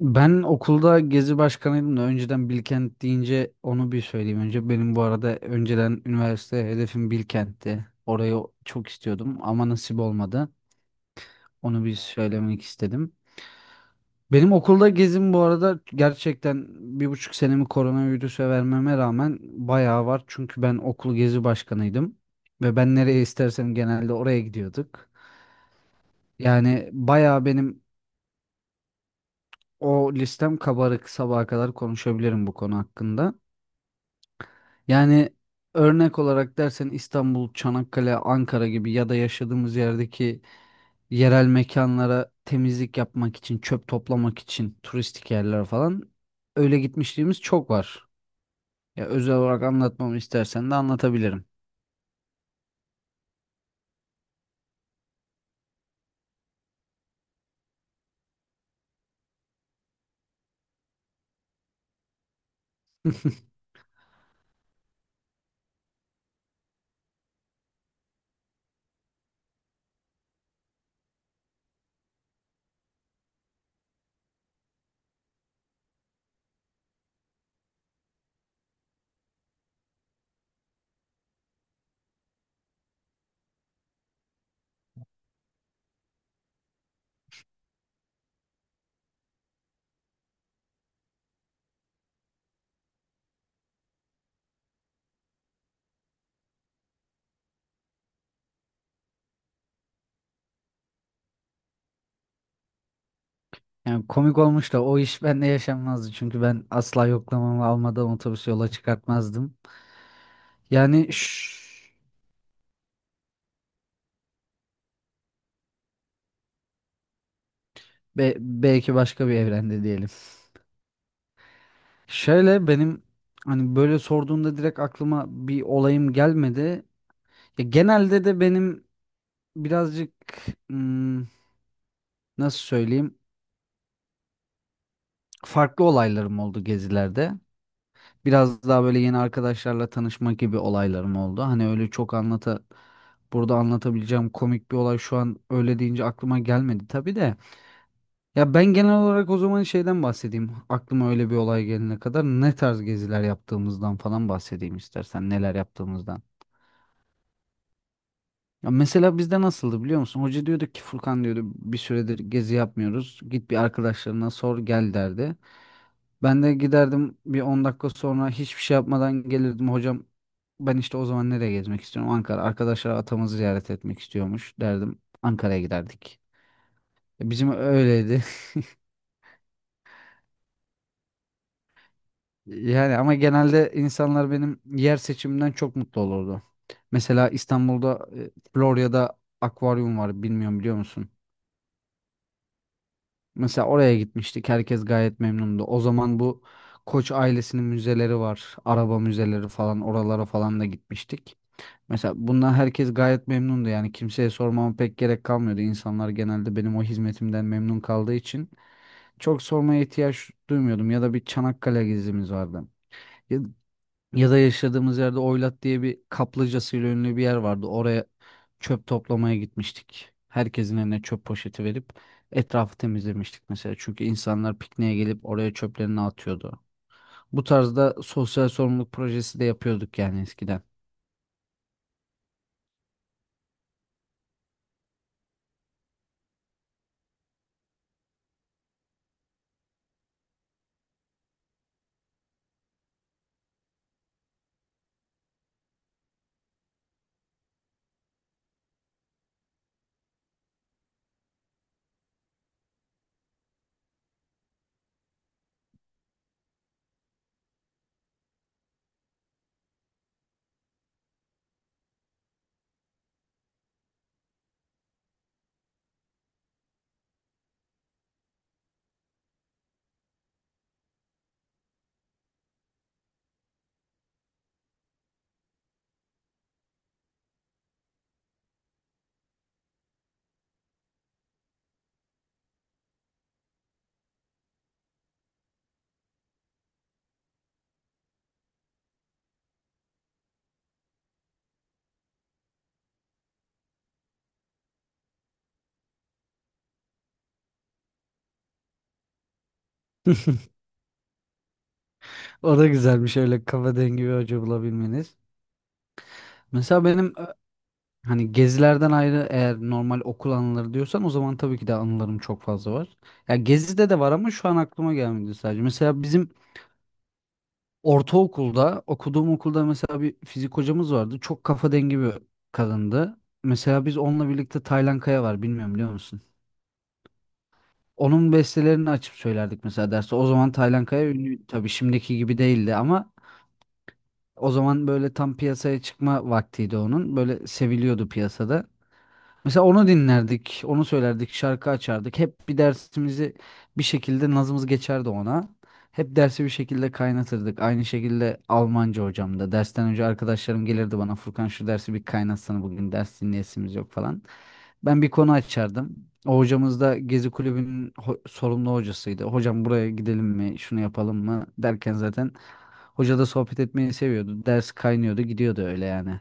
Ben okulda gezi başkanıydım da önceden Bilkent deyince onu bir söyleyeyim önce. Benim bu arada önceden üniversite hedefim Bilkent'ti. Orayı çok istiyordum ama nasip olmadı. Onu bir söylemek istedim. Benim okulda gezim bu arada gerçekten 1,5 senemi koronavirüse vermeme rağmen bayağı var. Çünkü ben okul gezi başkanıydım. Ve ben nereye istersem genelde oraya gidiyorduk. Yani bayağı benim o listem kabarık sabaha kadar konuşabilirim bu konu hakkında. Yani örnek olarak dersen İstanbul, Çanakkale, Ankara gibi ya da yaşadığımız yerdeki yerel mekanlara temizlik yapmak için, çöp toplamak için turistik yerler falan öyle gitmişliğimiz çok var. Ya özel olarak anlatmamı istersen de anlatabilirim. Yani komik olmuş da o iş bende yaşanmazdı çünkü ben asla yoklamamı almadan otobüs yola çıkartmazdım. Yani şş, Belki başka bir evrende diyelim. Şöyle benim hani böyle sorduğunda direkt aklıma bir olayım gelmedi. Ya genelde de benim birazcık hmm, nasıl söyleyeyim farklı olaylarım oldu gezilerde. Biraz daha böyle yeni arkadaşlarla tanışma gibi olaylarım oldu. Hani öyle çok anlata burada anlatabileceğim komik bir olay şu an öyle deyince aklıma gelmedi tabii de. Ya ben genel olarak o zaman şeyden bahsedeyim. Aklıma öyle bir olay gelene kadar ne tarz geziler yaptığımızdan falan bahsedeyim istersen neler yaptığımızdan. Ya mesela bizde nasıldı biliyor musun? Hoca diyordu ki Furkan diyordu bir süredir gezi yapmıyoruz. Git bir arkadaşlarına sor gel derdi. Ben de giderdim bir 10 dakika sonra hiçbir şey yapmadan gelirdim. Hocam ben işte o zaman nereye gezmek istiyorum? Ankara. Arkadaşlar atamızı ziyaret etmek istiyormuş derdim. Ankara'ya giderdik. Bizim öyleydi. Yani ama genelde insanlar benim yer seçimimden çok mutlu olurdu. Mesela İstanbul'da Florya'da akvaryum var bilmiyorum biliyor musun? Mesela oraya gitmiştik. Herkes gayet memnundu. O zaman bu Koç ailesinin müzeleri var. Araba müzeleri falan oralara falan da gitmiştik. Mesela bundan herkes gayet memnundu. Yani kimseye sormama pek gerek kalmıyordu. İnsanlar genelde benim o hizmetimden memnun kaldığı için çok sormaya ihtiyaç duymuyordum. Ya da bir Çanakkale gezimiz vardı. Ya da yaşadığımız yerde Oylat diye bir kaplıcasıyla ünlü bir yer vardı. Oraya çöp toplamaya gitmiştik. Herkesin eline çöp poşeti verip etrafı temizlemiştik mesela. Çünkü insanlar pikniğe gelip oraya çöplerini atıyordu. Bu tarzda sosyal sorumluluk projesi de yapıyorduk yani eskiden. O da güzelmiş öyle kafa dengi bir hoca bulabilmeniz. Mesela benim hani gezilerden ayrı eğer normal okul anıları diyorsan o zaman tabii ki de anılarım çok fazla var. Ya gezide de var ama şu an aklıma gelmedi sadece. Mesela bizim ortaokulda okuduğum okulda mesela bir fizik hocamız vardı. Çok kafa dengi bir kadındı. Mesela biz onunla birlikte Taylan Kaya var bilmiyorum biliyor musun? Onun bestelerini açıp söylerdik mesela derste. O zaman Taylan Kaya ünlü tabii şimdiki gibi değildi ama o zaman böyle tam piyasaya çıkma vaktiydi onun. Böyle seviliyordu piyasada. Mesela onu dinlerdik, onu söylerdik, şarkı açardık. Hep bir dersimizi bir şekilde nazımız geçerdi ona. Hep dersi bir şekilde kaynatırdık. Aynı şekilde Almanca hocam da. Dersten önce arkadaşlarım gelirdi bana Furkan şu dersi bir kaynatsana bugün ders dinleyesimiz yok falan. Ben bir konu açardım. O hocamız da Gezi Kulübü'nün sorumlu hocasıydı. Hocam buraya gidelim mi, şunu yapalım mı derken zaten hoca da sohbet etmeyi seviyordu. Ders kaynıyordu, gidiyordu öyle yani.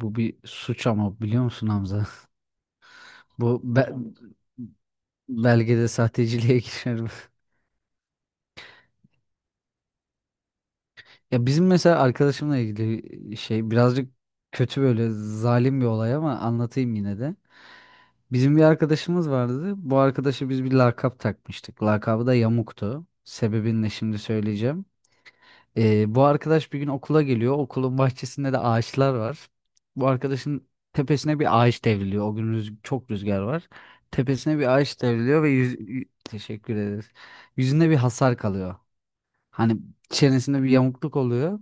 Bu bir suç ama biliyor musun Hamza? Bu be- Belgede sahteciliğe girer mi? Ya bizim mesela arkadaşımla ilgili şey birazcık kötü böyle zalim bir olay ama anlatayım yine de. Bizim bir arkadaşımız vardı. Bu arkadaşa biz bir lakap takmıştık. Lakabı da Yamuk'tu. Sebebini de şimdi söyleyeceğim. Bu arkadaş bir gün okula geliyor. Okulun bahçesinde de ağaçlar var. Bu arkadaşın tepesine bir ağaç devriliyor. O gün çok rüzgar var. Tepesine bir ağaç devriliyor ve teşekkür ederiz. Yüzünde bir hasar kalıyor. Hani çenesinde bir yamukluk oluyor.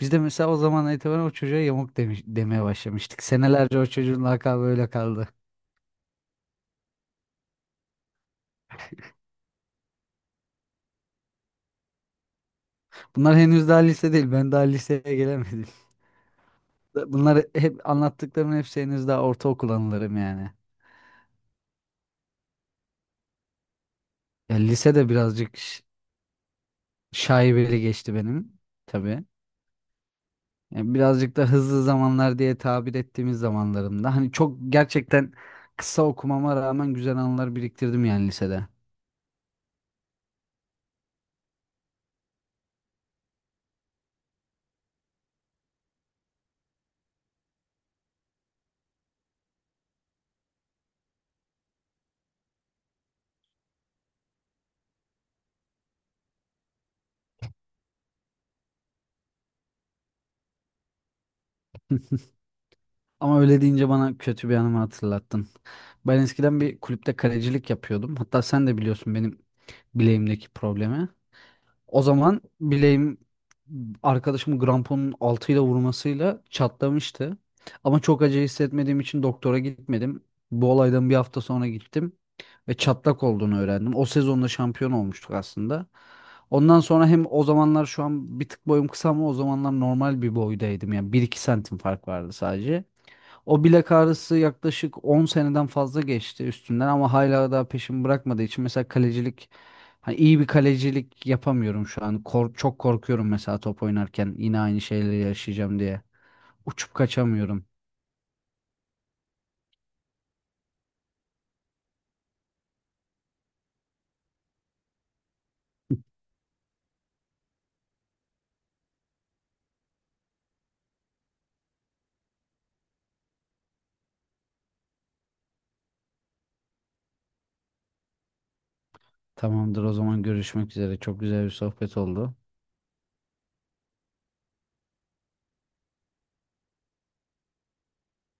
Biz de mesela o zaman itibaren o çocuğa yamuk demeye başlamıştık. Senelerce o çocuğun lakabı öyle kaldı. Bunlar henüz daha lise değil. Ben daha liseye gelemedim. Bunlar hep anlattıklarımın hepsi henüz daha ortaokul anılarım yani. Ya lisede birazcık şaibeli geçti benim tabii. Yani birazcık da hızlı zamanlar diye tabir ettiğimiz zamanlarımda. Hani çok gerçekten kısa okumama rağmen güzel anılar biriktirdim yani lisede. Ama öyle deyince bana kötü bir anımı hatırlattın. Ben eskiden bir kulüpte kalecilik yapıyordum. Hatta sen de biliyorsun benim bileğimdeki problemi. O zaman bileğim arkadaşımı gramponun altıyla vurmasıyla çatlamıştı. Ama çok acı hissetmediğim için doktora gitmedim. Bu olaydan bir hafta sonra gittim ve çatlak olduğunu öğrendim. O sezonda şampiyon olmuştuk aslında. Ondan sonra hem o zamanlar şu an bir tık boyum kısa ama o zamanlar normal bir boydaydım. Yani 1-2 santim fark vardı sadece. O bilek ağrısı yaklaşık 10 seneden fazla geçti üstünden ama hala daha peşimi bırakmadığı için mesela kalecilik hani iyi bir kalecilik yapamıyorum şu an. Çok korkuyorum mesela top oynarken yine aynı şeyleri yaşayacağım diye. Uçup kaçamıyorum. Tamamdır o zaman görüşmek üzere. Çok güzel bir sohbet oldu.